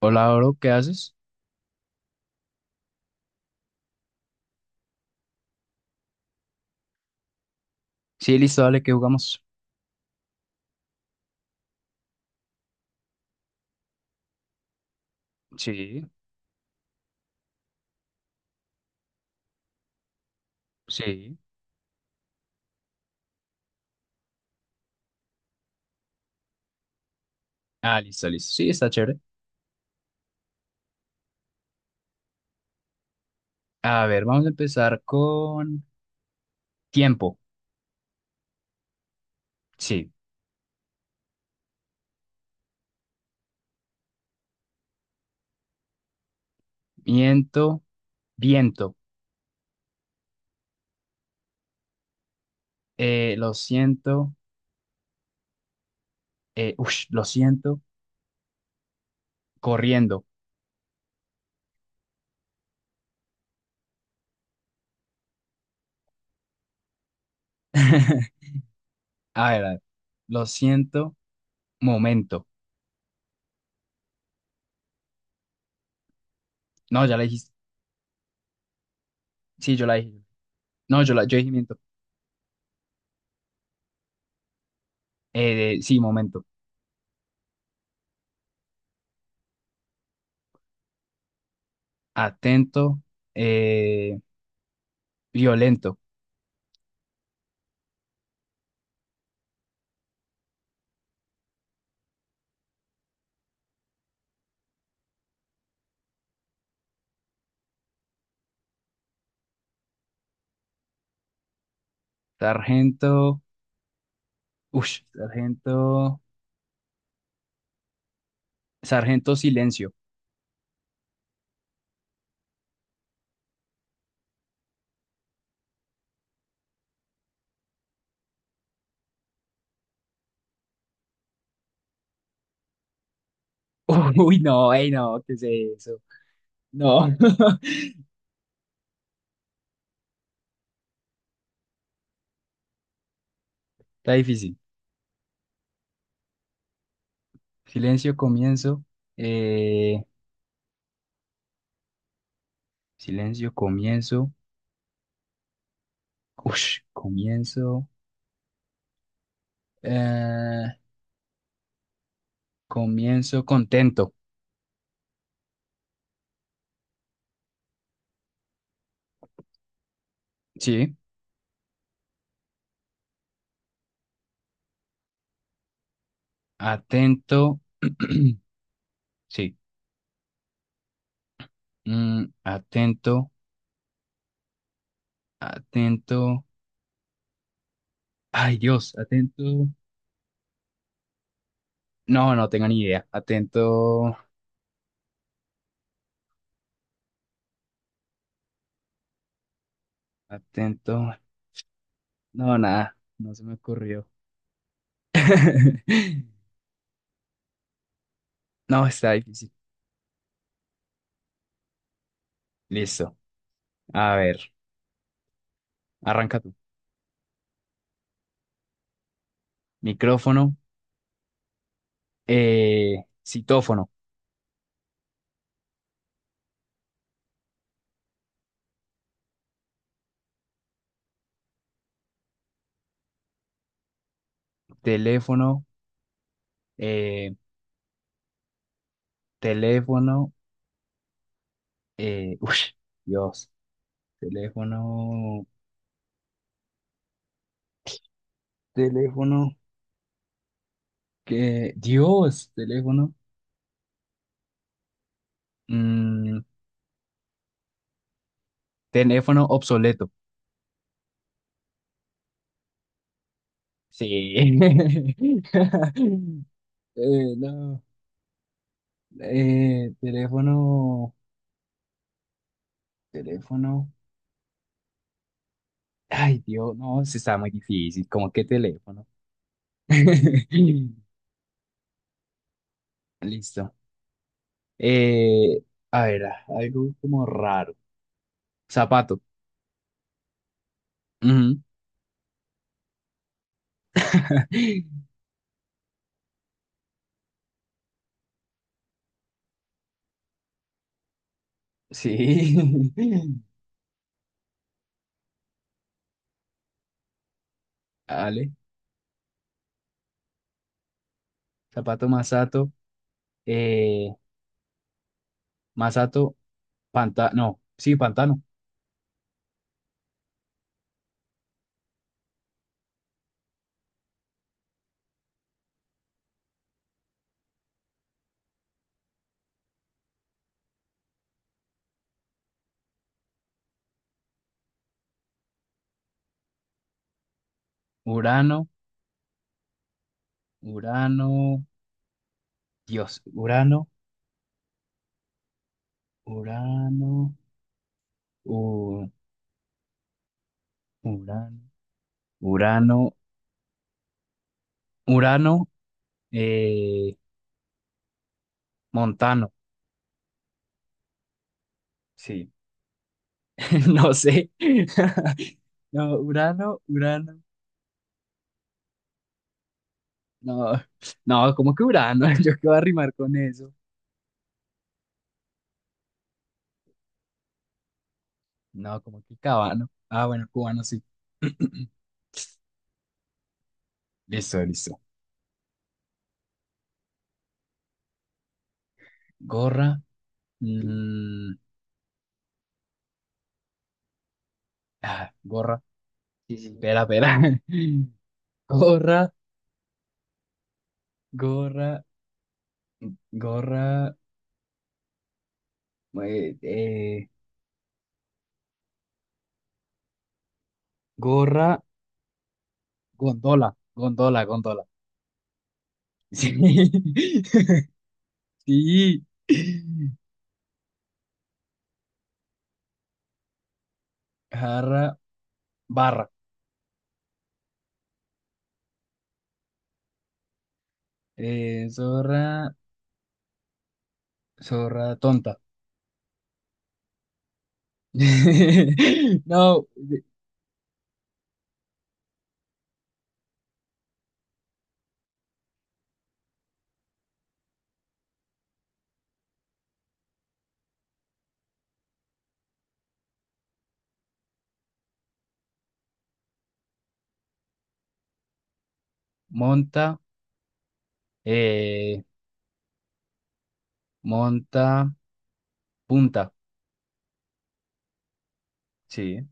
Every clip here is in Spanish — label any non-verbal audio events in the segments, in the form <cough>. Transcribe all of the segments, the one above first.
Hola, bro, ¿qué haces? Sí, listo, dale, que jugamos? Sí, sí. Ah, listo, listo. Sí, está chévere. A ver, vamos a empezar con tiempo. Sí, viento, viento. Lo siento, ush, lo siento, corriendo. <laughs> A ver, a ver. Lo siento, momento. No, ya la dijiste. Sí, yo la dije. No, yo dije miento. Sí, momento. Atento, eh, violento. Sargento, sargento. Sargento Silencio. <laughs> Uy, no, ey, no, ¿qué es eso? No, <laughs> está difícil. Silencio, comienzo. eh, silencio, comienzo. Ush, comienzo. eh, comienzo contento. Sí, atento. <clears throat> Sí, atento, atento. Ay, Dios, atento. No, no tengo ni idea. Atento, atento. No, nada, no se me ocurrió. <laughs> No, está difícil. Listo. A ver, arranca tú. Micrófono, citófono, teléfono, eh, teléfono, <laughs> uy, Dios, teléfono, teléfono, que, Dios, teléfono, mm, teléfono obsoleto. Sí. <laughs> No, teléfono, teléfono, ay, Dios, no, se está muy difícil, ¿Cómo que teléfono. <laughs> Listo. Eh, a ver, ah, algo como raro. Zapato. Ujú. <laughs> Sí. <laughs> Vale. Zapato Masato. Eh, Masato, pantano. No, sí, pantano. Urano, Urano. Dios, Urano, Urano, U- Urano, Urano, Urano, eh, Montano. Sí, <laughs> no sé. <laughs> No, Urano, Urano. No, no, como que Urano, <laughs> yo qué voy a rimar con eso. No, como que Cabano. Ah, bueno, cubano sí. Listo, listo. Gorra. mm, ah, gorra. Sí, sí. Espera, espera. <laughs> Gorra, gorra, gorra. eh, eh, gorra, gondola, gondola, gondola. Sí. <laughs> Sí. Jarra, barra. Zorra, zorra tonta. <laughs> No, monta. Eh, monta, punta. Sí,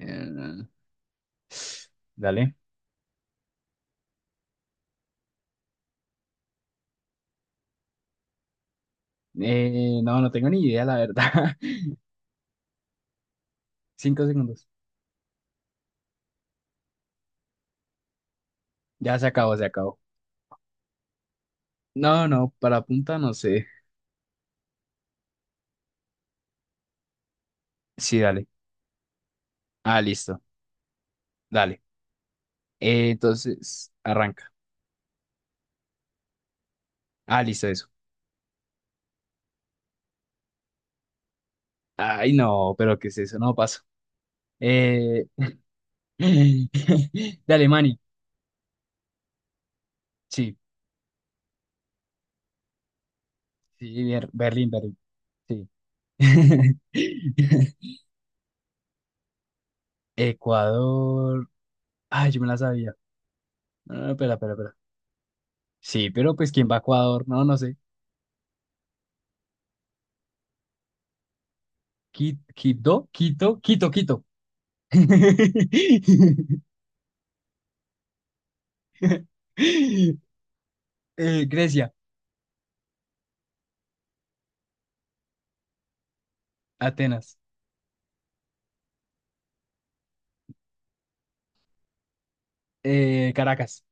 Eh, dale. No, no tengo ni idea, la verdad. <laughs> 5 segundos. Ya se acabó, se acabó. No, no, para punta no sé. Sí, dale. Ah, listo. Dale. Entonces, arranca. Ah, listo, eso. Ay, no, pero ¿qué es eso? No paso. Eh, <laughs> de Alemania. Sí, sí, Berlín, Berlín. Sí. <laughs> Ecuador. Ay, yo me la sabía. No, no, espera, espera, espera. Sí, pero pues ¿quién va a Ecuador? No, no sé. Quito, Quito, Quito, Quito. <laughs> Grecia, Atenas, Caracas,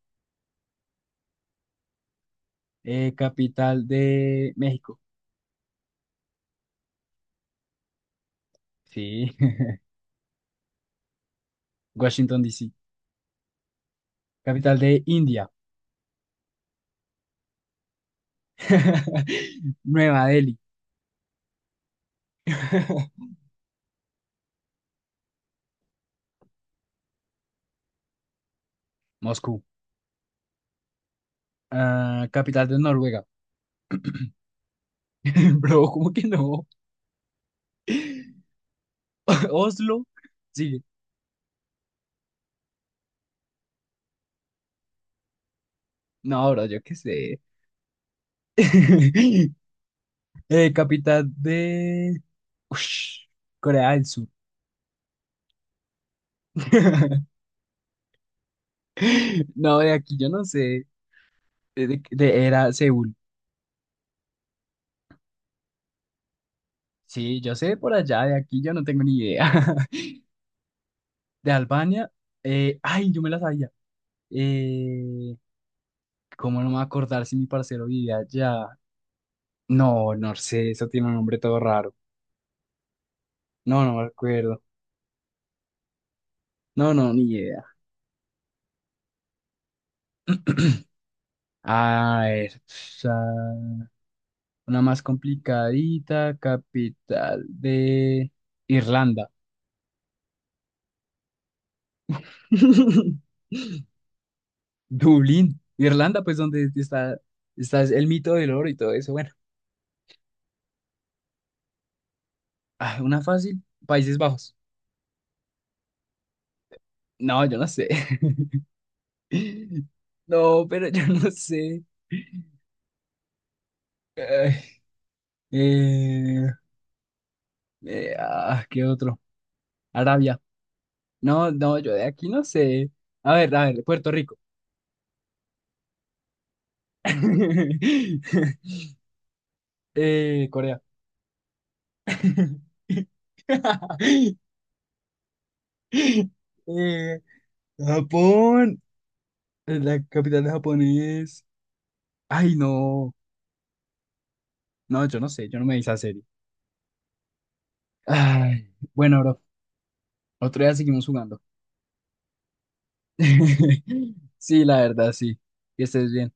capital de México. Sí. <laughs> Washington, D. C. capital de India. <laughs> Nueva Delhi, Moscú, Ah, capital de Noruega. <laughs> Bro, ¿cómo que no? <laughs> Oslo, sigue. No, bro, yo qué sé. <laughs> Capital de Ush, Corea del Sur. <laughs> No, de aquí yo no sé. Era Seúl. Sí, yo sé por allá, de aquí yo no tengo ni idea. <laughs> De Albania, ay, yo me la sabía. Eh, ¿Cómo no me voy a acordar si mi parcero vivía allá? No, no sé, eso tiene un nombre todo raro. No, no me acuerdo. No, no, ni idea. A ver, una más complicadita, capital de Irlanda. <laughs> Dublín, Irlanda, pues donde está, está el mito del oro y todo eso. Bueno, ah, una fácil, Países Bajos. No, yo no sé. <laughs> No, pero yo no sé. Ay, eh, ah, ¿qué otro? Arabia. No, no, yo de aquí no sé. A ver, Puerto Rico. <laughs> Corea. <laughs> Eh, Japón. La capital de Japón es. Ay, no. No, yo no sé, yo no me hice serie. Ay, bueno, bro, otro día seguimos jugando. <laughs> Sí, la verdad, sí. Que estés bien.